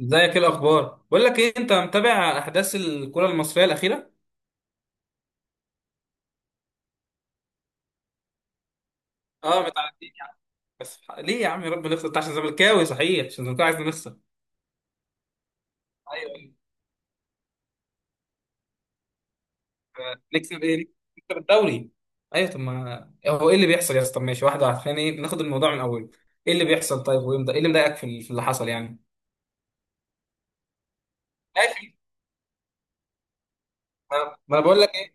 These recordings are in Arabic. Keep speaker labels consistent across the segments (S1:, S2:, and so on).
S1: ازيك؟ ايه الاخبار؟ بقول لك ايه، انت متابع احداث الكره المصريه الاخيره؟ اه، متعدين يعني. بس ليه يا عم ربنا نخسر؟ انت عشان زملكاوي صحيح؟ عشان زملكاوي عايز نخسر؟ ايوه. آه، نكسب ايه؟ نكسب الدوري. ايوه، طب ما هو ايه اللي بيحصل يا اسطى؟ طب ماشي، واحده واحده، خلينا ناخد الموضوع من اوله. ايه اللي بيحصل؟ طيب، ويمضى ايه اللي مضايقك في اللي حصل يعني؟ ماشي، ما انا بقول لك ايه.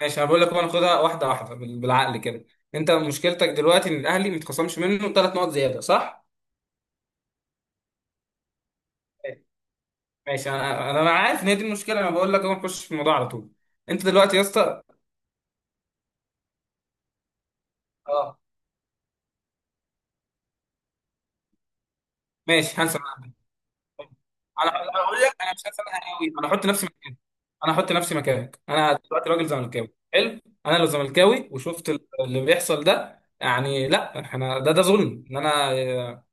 S1: ماشي، انا بقول لك بقى ناخدها واحده واحده بالعقل كده. انت مشكلتك دلوقتي ان الاهلي متخصمش منه 3 نقط زياده، صح؟ ماشي، انا انا أنا عارف ان هي دي المشكله، انا بقول لك اهو نخش في الموضوع على طول. انت دلوقتي يا اسطى. اه. ماشي، هنسى معاك. انا هقول لك، انا مش هسامحك قوي، انا هحط نفسي مكانك. انا هحط نفسي مكانك. انا دلوقتي راجل زملكاوي، حلو. انا لو زملكاوي وشفت اللي بيحصل ده، يعني لا، احنا ده ظلم، ان انا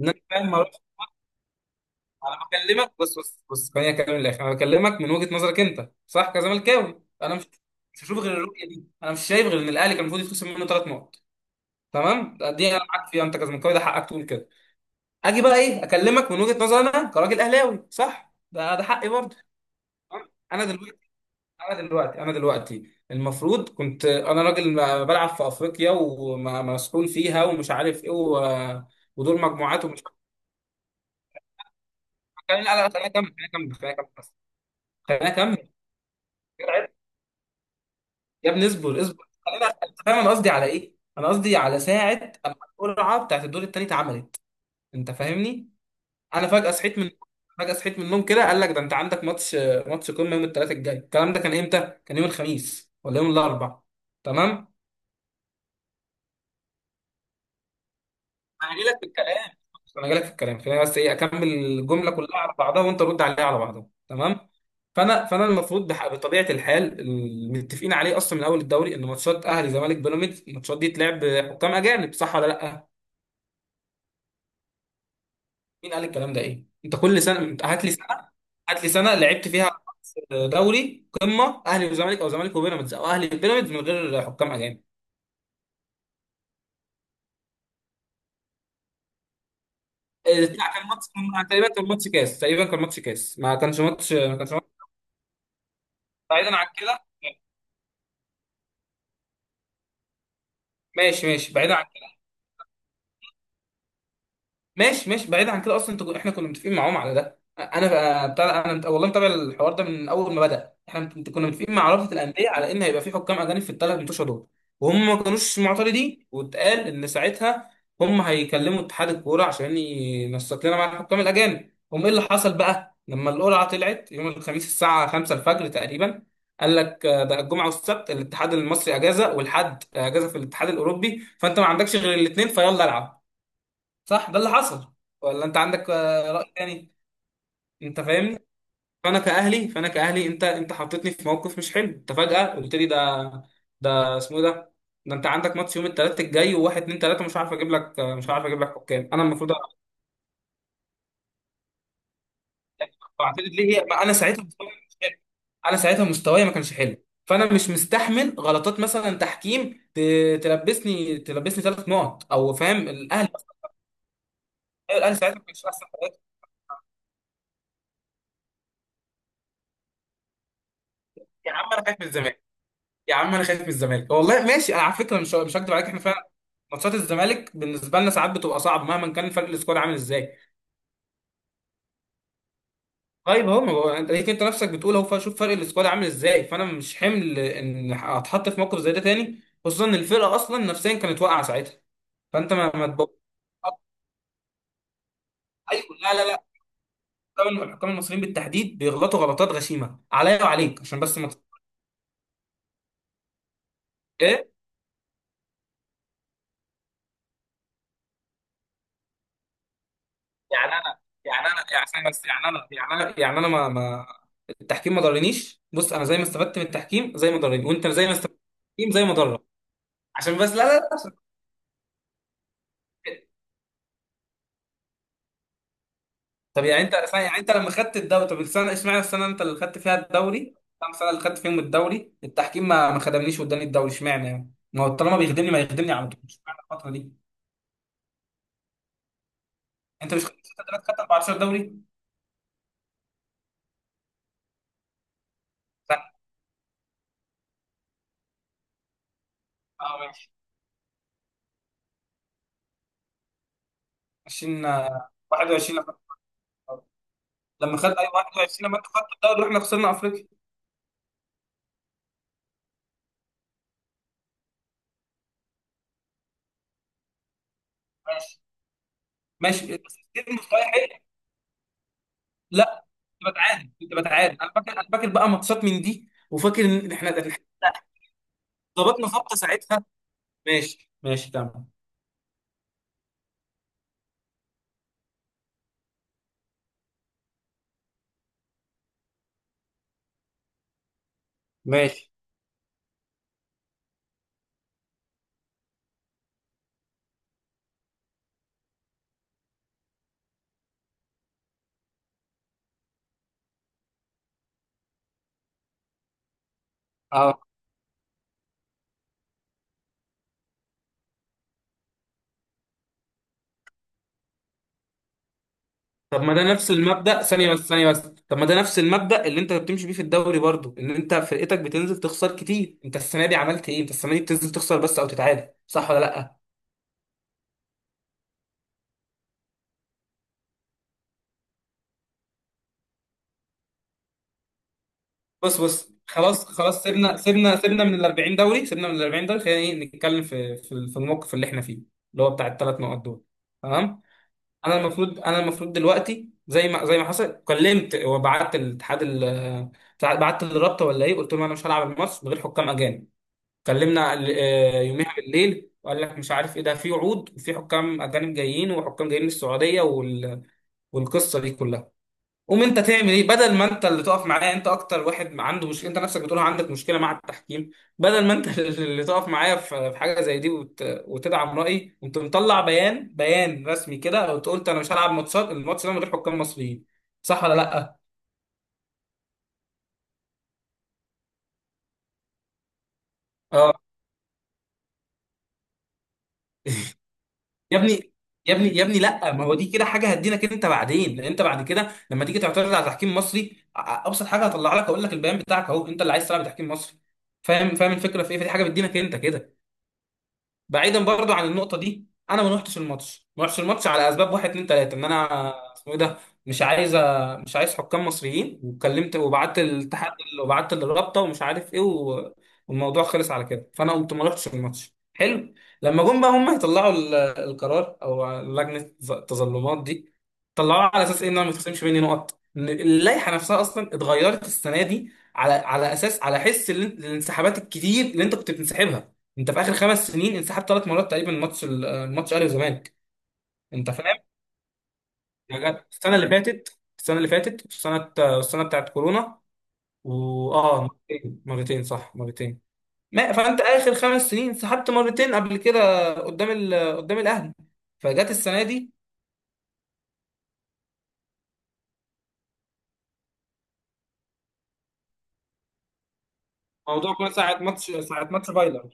S1: ان انا فاهم، ما أروحش. انا بكلمك، بص بص بص، خليني اكلم الاخر. انا بكلمك من وجهه نظرك انت، صح؟ كزملكاوي، انا مش مش هشوف غير الرؤيه دي. انا مش شايف غير ان الاهلي كان المفروض يتخصم منه 3 نقط. تمام، دي انا معاك فيها، انت كزملكاوي ده حقك تقول كده. اجي بقى اكلمك من وجهة نظري انا كراجل اهلاوي، صح؟ ده حقي برضه. تمام؟ انا دلوقتي المفروض كنت انا راجل بلعب في افريقيا ومسؤول فيها ومش عارف ايه ودور مجموعات ومش عارف إيه. خليني، لا لا، خليني اكمل بس. خليني اكمل. يا ابني، اصبر اصبر، خليني انت فاهم انا قصدي على ايه؟ انا قصدي على ساعة اما القرعة بتاعت الدور التالت عملت. انت فاهمني؟ انا فجأة صحيت من فجأة صحيت من النوم كده، قال لك ده انت عندك ماتش قمة يوم الثلاث الجاي. الكلام ده كان امتى؟ كان يوم الخميس ولا يوم الاربع؟ تمام. انا جاي لك في الكلام انا جاي لك في الكلام، خليني بس اكمل الجملة كلها على بعضها، وانت رد عليها على بعضها، تمام. فانا المفروض بطبيعه الحال المتفقين عليه اصلا من اول الدوري ان ماتشات اهلي زمالك بيراميدز، الماتشات دي تلعب بحكام اجانب، صح ولا لا؟ مين قال الكلام ده؟ انت كل سنه، انت هات لي سنه لعبت فيها دوري قمه اهلي وزمالك، او زمالك وبيراميدز، او اهلي وبيراميدز، من غير حكام اجانب. بتاع تقريبا كان ماتش كاس تقريبا كان ماتش كاس، ما كانش ماتش. بعيدا عن كده. ماشي ماشي بعيدا. ماشي ماشي بعيد عن كده اصلا. انت احنا كنا متفقين معاهم على ده. انا بتاع انا مت- والله متابع الحوار ده من اول ما بدا. احنا كنا متفقين مع رابطه الانديه على ان هيبقى في حكام اجانب في الثلاث منتوشه دول. وهم ما كانوش معترضين، واتقال ان ساعتها هم هيكلموا اتحاد الكوره عشان ينسق لنا مع الحكام الاجانب. هم ايه اللي حصل بقى لما القرعه طلعت يوم الخميس الساعه 5 الفجر تقريبا؟ قال لك ده الجمعه والسبت الاتحاد المصري اجازه والحد اجازه في الاتحاد الاوروبي، فانت ما عندكش غير الاثنين، فيلا العب. صح ده اللي حصل، ولا انت عندك رأي تاني؟ انت فاهمني. فانا كأهلي، انت حطيتني في موقف مش حلو. انت فجأة قلت لي ده، ده اسمه إيه ده؟ ده انت عندك ماتش يوم الثلاث الجاي، وواحد اتنين تلاته مش عارف اجيب لك مش عارف اجيب لك حكام، انا المفروض اعترض ليه؟ ما انا ساعتها مستواي مش حلو. انا ساعتها مستواي ما كانش حلو، فانا مش مستحمل غلطات مثلا تحكيم تلبسني 3 نقط او فاهم الاهلي. الاهلي ساعتها ما كانش احسن حاجة. يا عم انا خايف من الزمالك. يا عم انا خايف من الزمالك والله. ماشي، انا على فكره مش هكدب عليك، احنا فعلا ماتشات الزمالك بالنسبه لنا ساعات بتبقى صعبه، مهما كان فرق السكواد عامل ازاي. طيب، هو ما هو انت ليك، انت نفسك بتقول اهو شوف فرق السكواد عامل ازاي، فانا مش حمل ان اتحط في موقف زي ده تاني، خصوصا ان الفرقه اصلا نفسيا كانت واقعه ساعتها. فانت ما تبقى، ايوه، لا لا لا، طبعاً الحكام المصريين بالتحديد بيغلطوا غلطات غشيمه عليا وعليك عشان بس ما ت- ايه. يعني انا بس يعني انا ما التحكيم ما ضرنيش. بص، انا زي ما استفدت من التحكيم زي ما ضرني، وانت زي ما استفدت من التحكيم زي ما ضرك. عشان بس، لا لا لا، عشان طب يعني انت لما خدت الدوري، طب السنه، اشمعنى السنه انت اللي خدت فيها الدوري؟ كام سنه اللي خدت فيهم الدوري التحكيم ما خدمنيش واداني الدوري؟ اشمعنى يعني، ما هو طالما بيخدمني ما يخدمني على طول، اشمعنى الفتره دي؟ انت مش خدت 6 دوريات، خدت 14 دوري. لا. اه، ماشي. 20 21 لما خدت الدوري. لما خدت اي 21، لما انت خدت الدوري واحنا خسرنا افريقيا. ماشي ماشي بس. المستوى حلو. لا، كنت بتعادل. انا فاكر بقى ماتشات من دي، وفاكر ان احنا إحنا ظبطنا خبطه ساعتها. ماشي ماشي تمام. ماشي، اه. طب ما ده نفس المبدأ، ثانية بس، ثانية بس، طب ما ده نفس المبدأ اللي انت بتمشي بيه في الدوري برضو، ان انت فرقتك بتنزل تخسر كتير. انت السنة دي عملت ايه؟ انت السنة دي بتنزل تخسر بس او تتعادل، صح ولا لا؟ بص بص، خلاص خلاص، سيبنا من ال 40 دوري، سيبنا من ال 40 دوري، خلينا نتكلم في الموقف اللي احنا فيه، اللي هو بتاع ال 3 نقط دول. تمام. انا المفروض دلوقتي زي ما حصل، كلمت وبعت الاتحاد بعت للرابطه ولا ايه، قلت لهم انا مش هلعب الماتش من غير حكام اجانب. كلمنا يوميها بالليل، وقال لك مش عارف ايه ده، في وعود وفي حكام اجانب جايين وحكام جايين من السعوديه والقصه دي كلها. قوم انت تعمل ايه بدل ما انت اللي تقف معايا؟ انت اكتر واحد عنده مشكله، انت نفسك بتقول عندك مشكله مع التحكيم. بدل ما انت اللي تقف معايا في حاجه زي دي وتدعم رايي، قمت مطلع بيان، بيان رسمي كده وقلت انا مش هلعب الماتش ده من غير حكام مصريين، صح ولا لا؟ اه. يا ابني يا ابني يا ابني، لا، ما هو دي كده حاجه هدينك انت بعدين، لان انت بعد كده لما تيجي تعترض على تحكيم مصري، ابسط حاجه هطلع لك اقول لك البيان بتاعك اهو، انت اللي عايز تلعب تحكيم مصري. فاهم، فاهم الفكره في ايه، فدي حاجه بتدينك انت كده. بعيدا برضو عن النقطه دي، انا ما روحتش الماتش على اسباب واحد اتنين تلاته ان انا اسمه ايه ده، مش عايز مش عايز حكام مصريين، وكلمت وبعت الاتحاد وبعت للرابطه ومش عارف ايه والموضوع خلص على كده، فانا قمت ما روحتش الماتش، حلو. لما جم بقى هم يطلعوا القرار او لجنه التظلمات دي، طلعوها على اساس ايه ان انا ما تخصمش مني نقط؟ إن اللائحه نفسها اصلا اتغيرت السنه دي على اساس الانسحابات الكتير اللي انت كنت بتنسحبها. انت في اخر 5 سنين انسحبت 3 مرات تقريبا من الماتش الاهلي والزمالك. انت فاهم. يعني السنه اللي فاتت، السنه بتاعت كورونا، واه. مرتين مرتين، صح، مرتين. ما فانت اخر 5 سنين انسحبت مرتين قبل كده قدام قدام الاهلي. فجت السنه دي موضوع كله ساعه ماتش،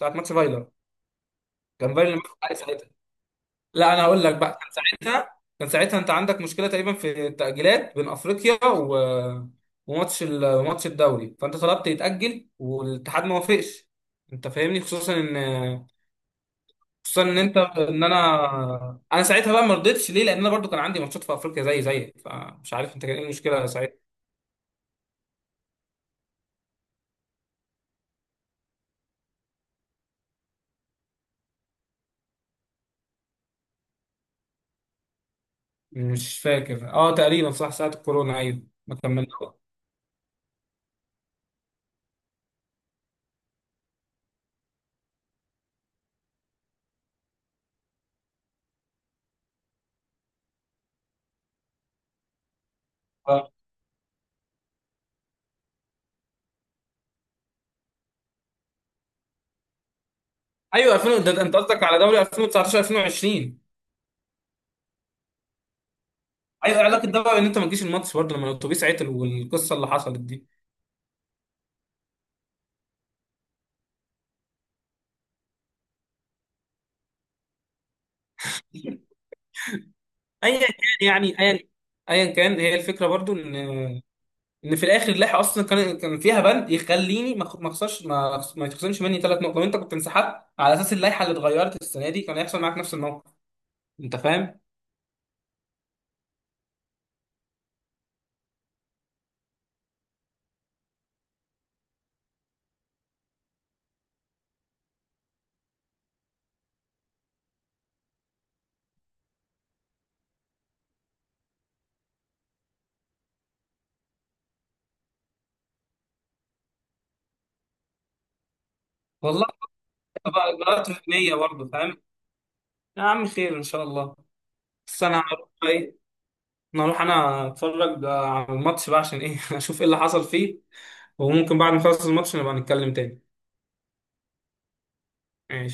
S1: ساعه ماتش فايلر، كان فايلر اللي ماسك الأهلي. لا، انا هقول لك بقى. كان ساعتها انت عندك مشكله تقريبا في التاجيلات بين افريقيا وماتش الدوري، فانت طلبت يتاجل والاتحاد ما وافقش. انت فاهمني. خصوصا ان انت ان انا انا ساعتها بقى ما رضيتش ليه، لان انا برضو كان عندي ماتشات في افريقيا زي زيك، فمش عارف انت كان ايه المشكله ساعتها. مش فاكر، اه تقريبا، صح ساعه الكورونا. ايوه، ما كملنا. آه. ايوه، 2000، ده انت قصدك على دوري 2019 2020. ايوه، علاقه ده بقى ان انت ما تجيش الماتش برضه لما الاتوبيس عطل والقصه اللي حصلت دي؟ ايا كان. يعني ايا ايا كان، هي الفكره برضه ان في الاخر اللائحه اصلا كان فيها بند يخليني ما أخ- ما اخسرش ما أخس- ما يتخصمش مني 3 نقط، لو انت كنت انسحبت على اساس اللائحه اللي اتغيرت السنه دي كان هيحصل معاك نفس الموقف. انت فاهم، والله. أنت بقى اجراءات فنيه برضه فاهم. يا عم، خير ان شاء الله. بس انا هروح انا اتفرج بقى على الماتش بقى عشان ايه اشوف ايه اللي حصل فيه. وممكن بعد ما نخلص الماتش نبقى نتكلم تاني. ماشي